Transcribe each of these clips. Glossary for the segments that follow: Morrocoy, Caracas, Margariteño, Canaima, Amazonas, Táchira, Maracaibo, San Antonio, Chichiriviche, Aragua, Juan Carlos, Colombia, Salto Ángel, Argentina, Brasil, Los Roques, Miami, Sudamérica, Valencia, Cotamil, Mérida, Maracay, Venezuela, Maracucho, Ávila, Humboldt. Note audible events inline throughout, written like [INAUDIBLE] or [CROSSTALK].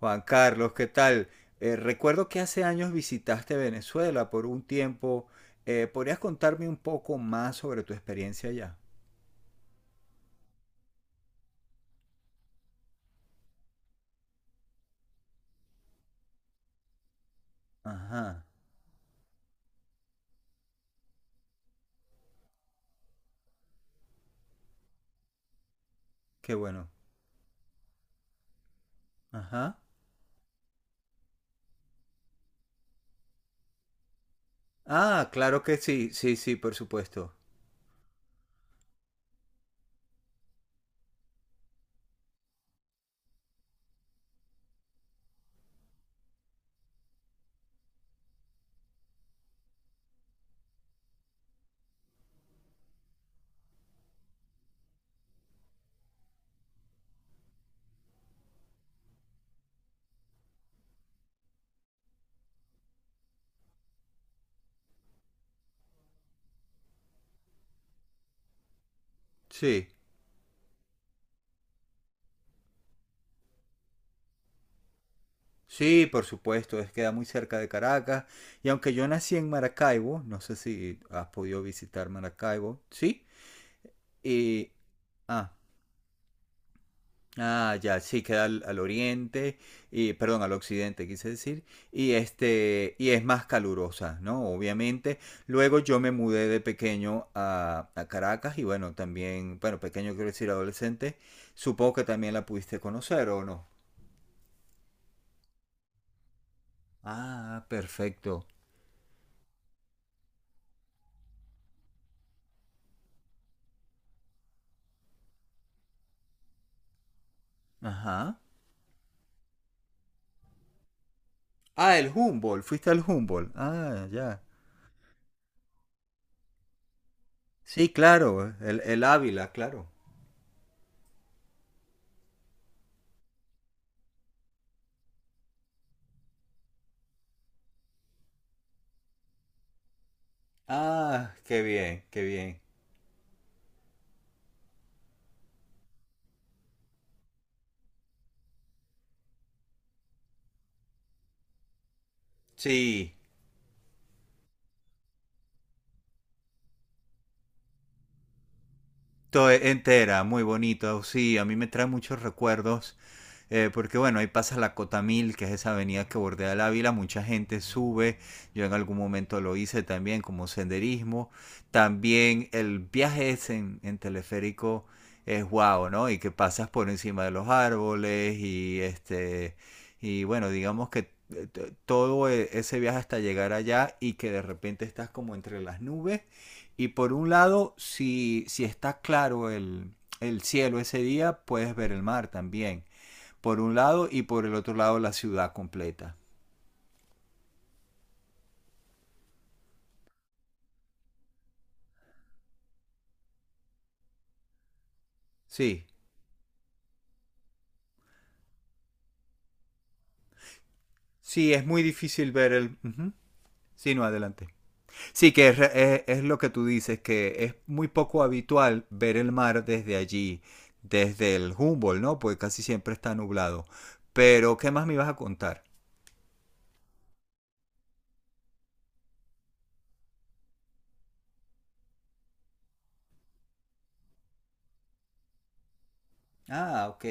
Juan Carlos, ¿qué tal? Recuerdo que hace años visitaste Venezuela por un tiempo. ¿Podrías contarme un poco más sobre tu experiencia allá? Ajá, qué bueno. Ajá. Ah, claro que sí, sí, sí, por supuesto. Sí, sí, por supuesto, es queda muy cerca de Caracas. Y aunque yo nací en Maracaibo, no sé si has podido visitar Maracaibo, sí. Y, ah, ah, ya, sí, queda al oriente, y, perdón, al occidente quise decir, y este, y es más calurosa, ¿no? Obviamente. Luego yo me mudé de pequeño a Caracas y bueno, también, bueno, pequeño quiero decir adolescente, supongo que también la pudiste conocer o no. Ah, perfecto. Ajá. Ah, el Humboldt, fuiste al Humboldt. Ah, ya. Sí, claro, el Ávila, claro. Ah, qué bien, qué bien. Sí. Entera, muy bonito, sí, a mí me trae muchos recuerdos porque bueno, ahí pasa la Cotamil, que es esa avenida que bordea el Ávila, mucha gente sube, yo en algún momento lo hice también como senderismo, también el viaje ese en teleférico es guau, wow, ¿no? Y que pasas por encima de los árboles y este, y bueno, digamos que ese viaje hasta llegar allá y que de repente estás como entre las nubes y por un lado si, si está claro el cielo ese día puedes ver el mar también por un lado y por el otro lado la ciudad completa. Sí, sí, es muy difícil ver el... ujú. Sí, no, adelante. Sí, que es, es lo que tú dices, que es muy poco habitual ver el mar desde allí, desde el Humboldt, ¿no? Porque casi siempre está nublado. Pero, ¿qué más me ibas a contar? Ah, ok.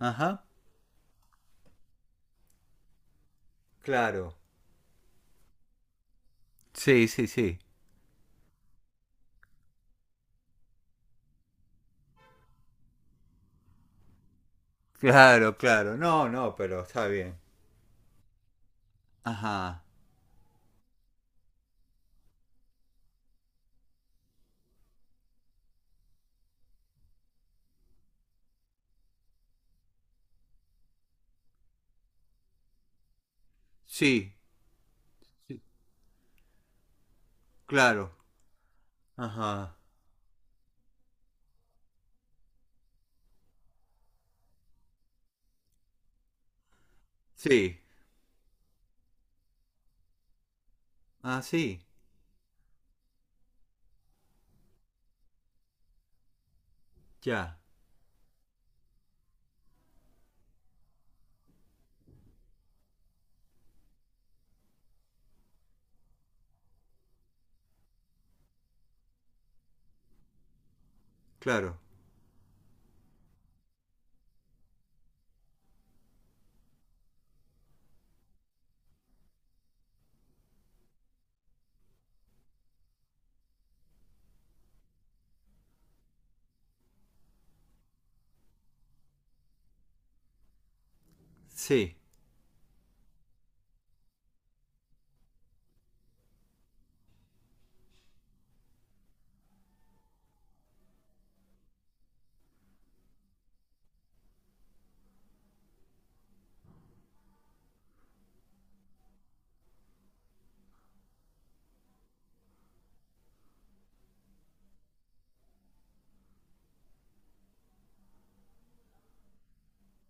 Ajá, claro. Sí, sí, sí. Claro, claro. No, no, pero está bien. Ajá. Sí, sí, claro. Ajá. Sí. Ah, sí. Ya, claro. Sí,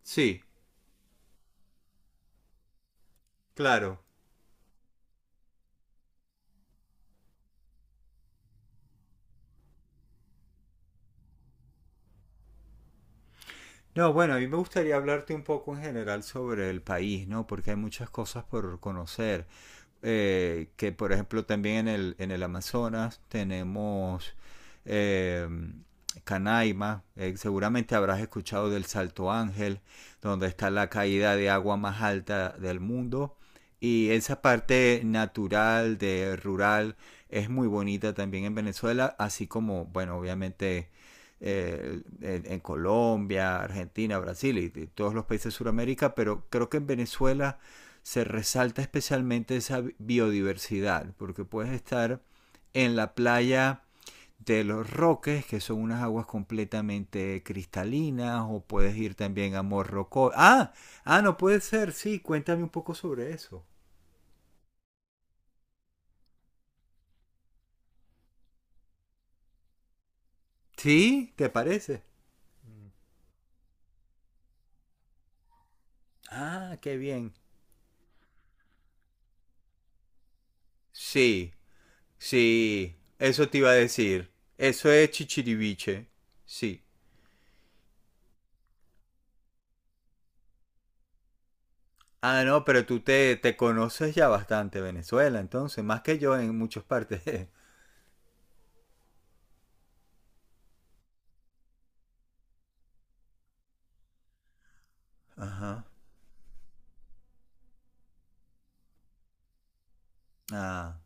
sí, claro. No, bueno, a mí me gustaría hablarte un poco en general sobre el país, ¿no? Porque hay muchas cosas por conocer. Que por ejemplo también en el Amazonas tenemos eh, Canaima, seguramente habrás escuchado del Salto Ángel, donde está la caída de agua más alta del mundo. Y esa parte natural, de rural, es muy bonita también en Venezuela, así como, bueno, obviamente en, Colombia, Argentina, Brasil y todos los países de Sudamérica, pero creo que en Venezuela se resalta especialmente esa biodiversidad, porque puedes estar en la playa de los roques, que son unas aguas completamente cristalinas, o puedes ir también a Morrocoy. Ah, ah, no puede ser, sí, cuéntame un poco sobre eso. ¿Sí? ¿Te parece? Ah, qué bien. Sí, sí, eso te iba a decir. Eso es chichiriviche. Sí. Ah, no, pero tú te, te conoces ya bastante Venezuela, entonces, más que yo en muchas partes. [LAUGHS] Ajá. Ah,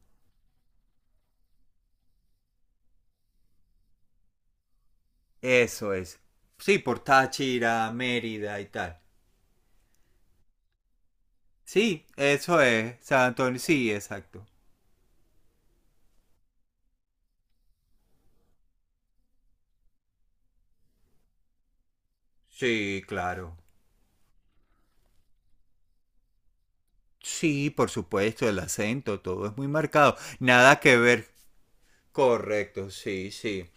eso es. Sí, por Táchira, Mérida y tal. Sí, eso es. San Antonio, sí, exacto. Sí, claro. Sí, por supuesto, el acento, todo es muy marcado. Nada que ver. Correcto, sí, sí.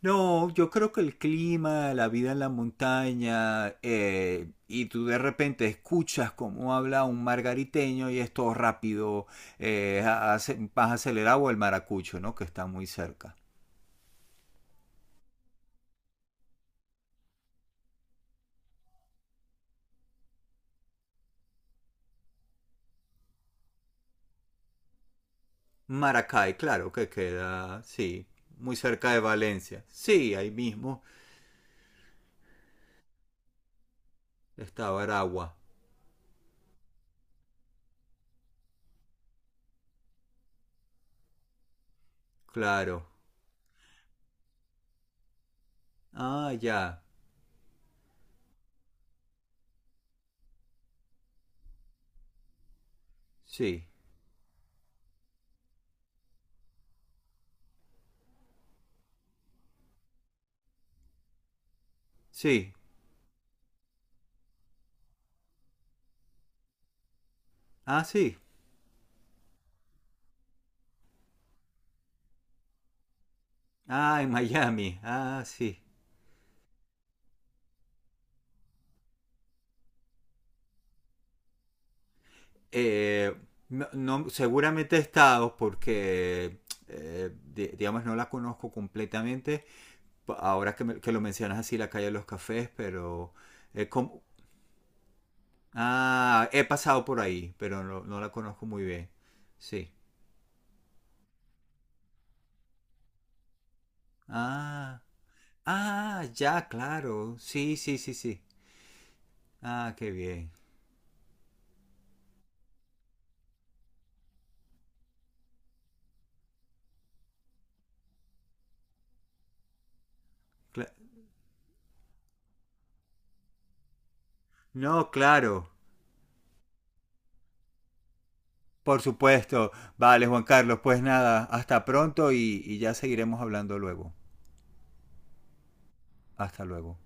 No, yo creo que el clima, la vida en la montaña, y tú de repente escuchas cómo habla un margariteño y es todo rápido, más acelerado o el maracucho, ¿no? Que está muy cerca. Maracay, claro, que queda, sí, muy cerca de Valencia. Sí, ahí mismo está Aragua, claro. Ah, ya, sí, sí. Ah, sí. Ah, en Miami, ah, sí. eh, no, seguramente he estado porque, digamos, no la conozco completamente. Ahora que, que lo mencionas así, la calle de los cafés, pero... eh, como- Ah, he pasado por ahí, pero no, no la conozco muy bien. Sí. Ah, ah, ya, claro. Sí, sí, sí, sí. Ah, qué bien. Cla- no, claro. Por supuesto. Vale, Juan Carlos, pues nada, hasta pronto y ya seguiremos hablando luego. Hasta luego.